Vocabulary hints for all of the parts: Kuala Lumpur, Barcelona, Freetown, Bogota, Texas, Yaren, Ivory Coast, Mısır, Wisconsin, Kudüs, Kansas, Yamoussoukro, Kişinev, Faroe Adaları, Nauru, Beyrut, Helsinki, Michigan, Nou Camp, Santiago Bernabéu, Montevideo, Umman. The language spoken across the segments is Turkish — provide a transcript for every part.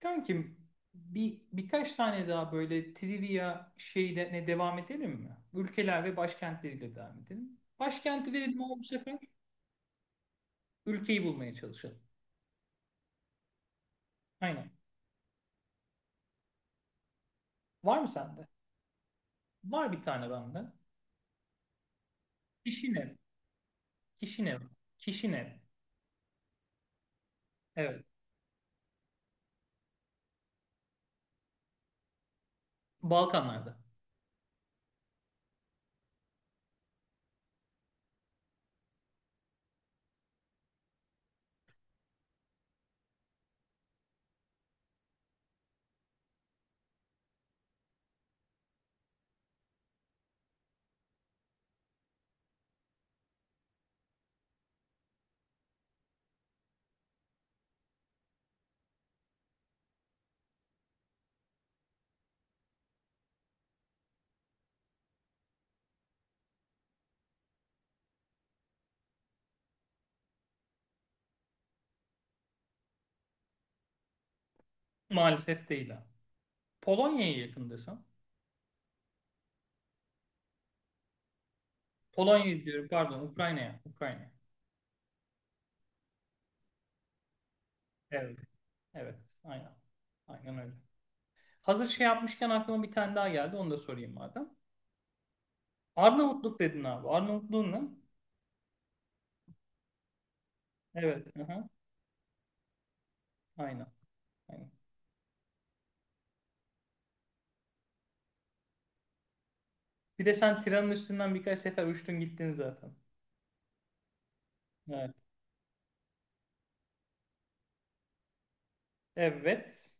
Kankim birkaç tane daha böyle trivia şeyle ne devam edelim mi? Ülkeler ve başkentleriyle devam edelim. Başkenti verelim ama bu sefer ülkeyi bulmaya çalışalım. Aynen. Var mı sende? Var bir tane bende. Kişinev. Kişinev. Kişinev. Evet. Balkanlarda. Maalesef değil ha. Polonya'ya yakın desem. Polonya diyorum, pardon, Ukrayna'ya. Ukrayna. Evet. Evet. Aynen. Aynen öyle. Hazır şey yapmışken aklıma bir tane daha geldi. Onu da sorayım madem. Arnavutluk dedin abi. Arnavutluğun ne? Evet. Aha. Aynen. Aynen. Bir de sen tiranın üstünden birkaç sefer uçtun gittin zaten. Evet. Evet.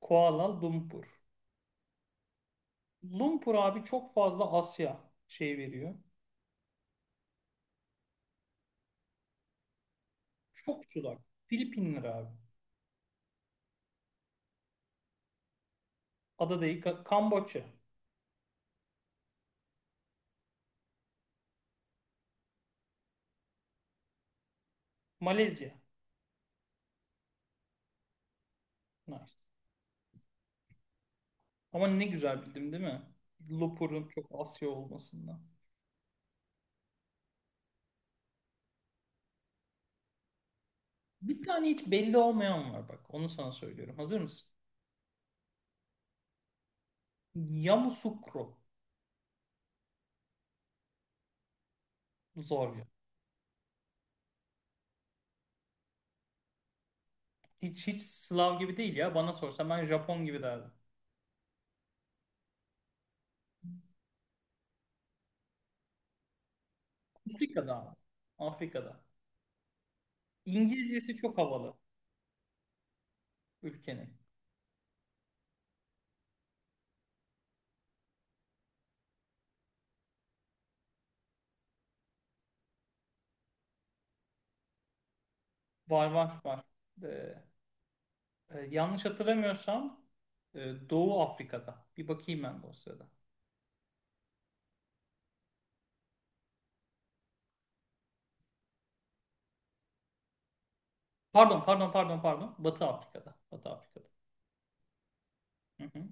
Kuala Lumpur. Lumpur abi çok fazla Asya şey veriyor. Çok uzak. Filipinler abi. Ada değil. Kamboçya. Malezya. Bunlar. Ama ne güzel bildim değil mi? Lumpur'un çok Asya olmasından. Bir tane hiç belli olmayan var bak. Onu sana söylüyorum. Hazır mısın? Yamoussoukro. Zor ya. Hiç Slav gibi değil ya. Bana sorsan ben Japon gibi derdim. Afrika'da ama. Afrika'da. İngilizcesi çok havalı ülkenin. Var var var. Ee, yanlış hatırlamıyorsam Doğu Afrika'da. Bir bakayım ben de o sırada. Pardon pardon pardon pardon. Batı Afrika'da. Batı Afrika'da. Hı hı.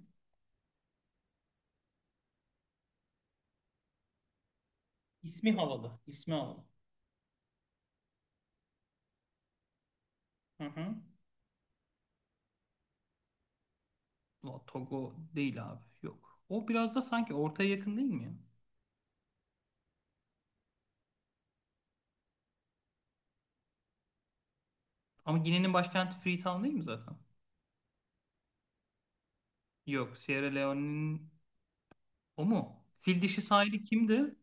İsmi havalı. İsmi havalı. Hı hı. O Togo değil abi. Yok. O biraz da sanki ortaya yakın değil mi ya? Ama Gine'nin başkenti Freetown değil mi zaten? Yok. Sierra Leone'nin. O mu? Fil dişi sahili kimdi?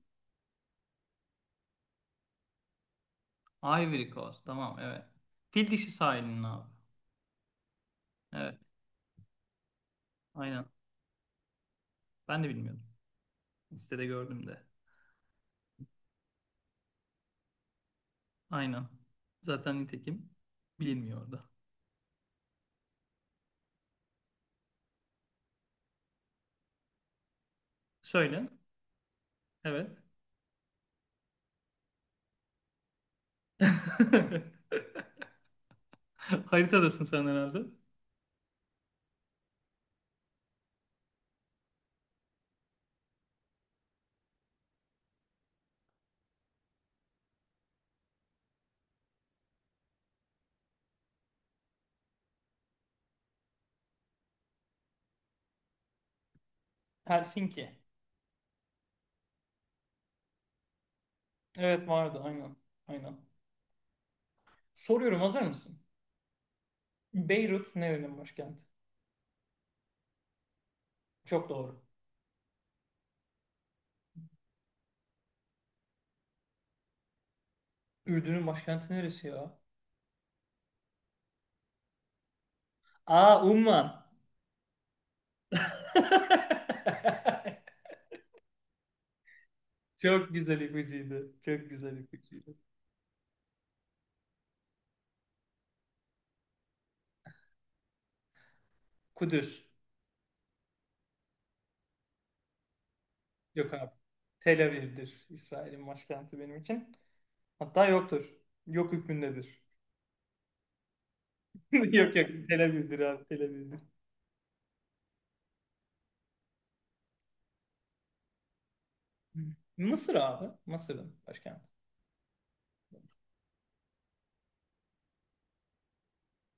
Ivory Coast. Tamam, evet. Fil dişi sahilinin abi. Evet, aynen. Ben de bilmiyordum. Listede gördüm de. Aynen. Zaten nitekim bilinmiyordu. Söyle. Evet. Haritadasın sen herhalde. Helsinki. Evet vardı aynen. Aynen. Soruyorum, hazır mısın? Beyrut nerenin başkenti? Çok doğru. Ürdün'ün başkenti neresi ya? Aa, Umman. Çok güzel ipucuydu. Çok güzel ipucuydu. Kudüs. Yok abi. Tel Aviv'dir. İsrail'in başkenti benim için. Hatta yoktur. Yok hükmündedir. Yok, yok. Tel Aviv'dir abi. Tel Aviv'dir. Mısır abi. Mısır'ın başkenti.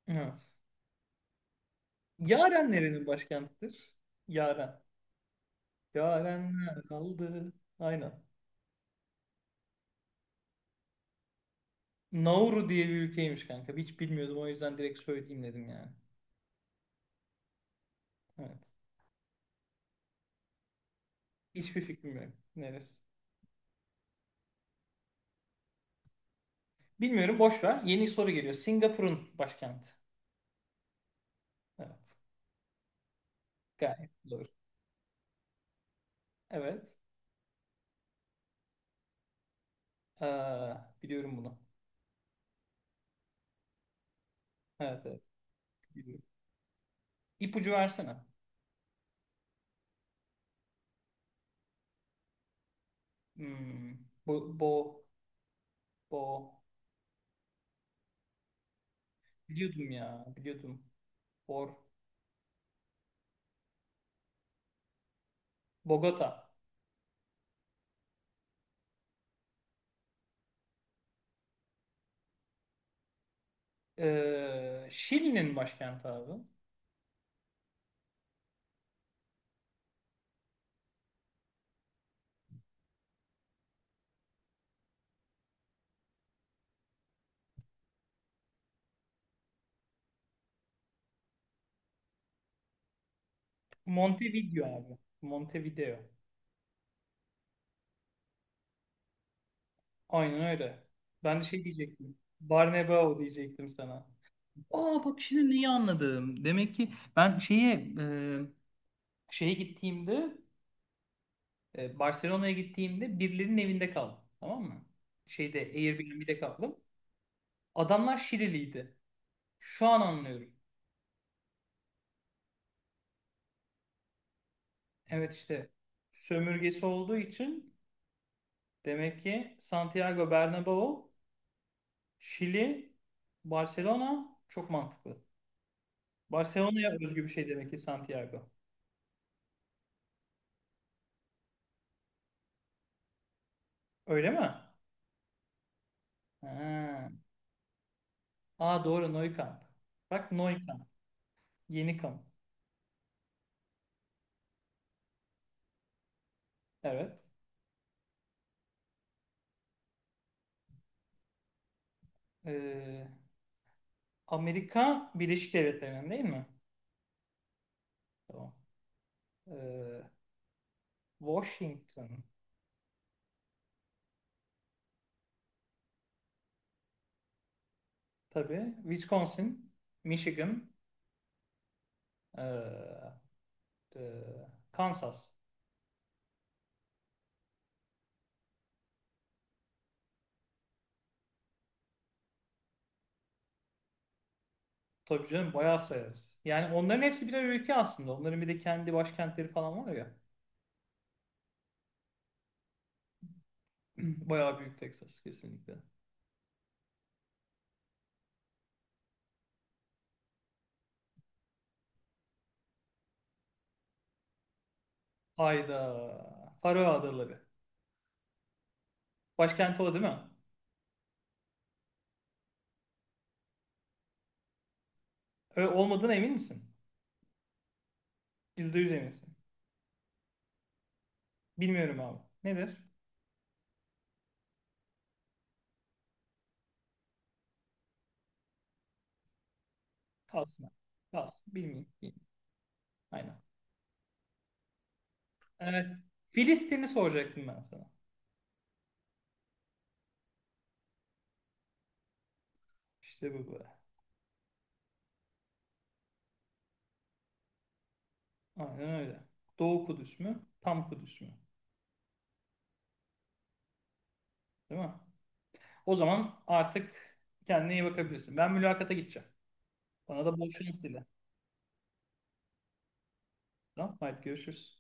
Evet. Yaren nerenin başkentidir? Yaren. Yarenler kaldı. Aynen. Nauru diye bir ülkeymiş kanka. Hiç bilmiyordum, o yüzden direkt söyleyeyim dedim yani. Evet. Hiçbir fikrim yok. Neresi? Bilmiyorum, boş ver. Yeni soru geliyor. Singapur'un başkenti. Evet. Gayet doğru. Evet. Ee, biliyorum bunu. Evet, evet. Biliyorum. İpucu versene. Hmm, bu, bo, bo. Biliyordum ya. Biliyordum. Bor. Bogota. Şili'nin başkenti abi. Montevideo abi. Montevideo. Aynen öyle. Ben de şey diyecektim. Barnebao diyecektim sana. Aa bak, şimdi neyi anladım. Demek ki ben şeye gittiğimde Barcelona'ya gittiğimde birilerinin evinde kaldım. Tamam mı? Şeyde Airbnb'de kaldım. Adamlar Şiriliydi. Şu an anlıyorum. Evet işte sömürgesi olduğu için demek ki Santiago Bernabéu, Şili, Barcelona çok mantıklı. Barcelona'ya özgü bir şey demek ki Santiago. Öyle mi? Ha. Aa, doğru, Nou Camp. Bak, Nou Camp. Yeni kamp. Evet. Ee, Amerika Birleşik Devletleri'nin değil mi? Tamam. Ee, Washington tabii. Wisconsin, Michigan, ee, ee, Kansas. Tabii canım, bayağı sayarız. Yani onların hepsi birer ülke aslında. Onların bir de kendi başkentleri falan var ya. Bayağı büyük Texas, kesinlikle. Hayda. Faroe Adaları. Başkenti o değil mi? Olmadığına emin misin? %100 eminsin. Bilmiyorum abi. Nedir? Kalsın. Kalsın. Bilmiyorum. Bilmiyorum. Aynen. Evet. Filistin'i soracaktım ben sana. İşte bu böyle. Aynen öyle. Doğu Kudüs mü? Tam Kudüs mü? Değil mi? O zaman artık kendine iyi bakabilirsin. Ben mülakata gideceğim. Bana da bol şans dile. Tamam. Haydi görüşürüz.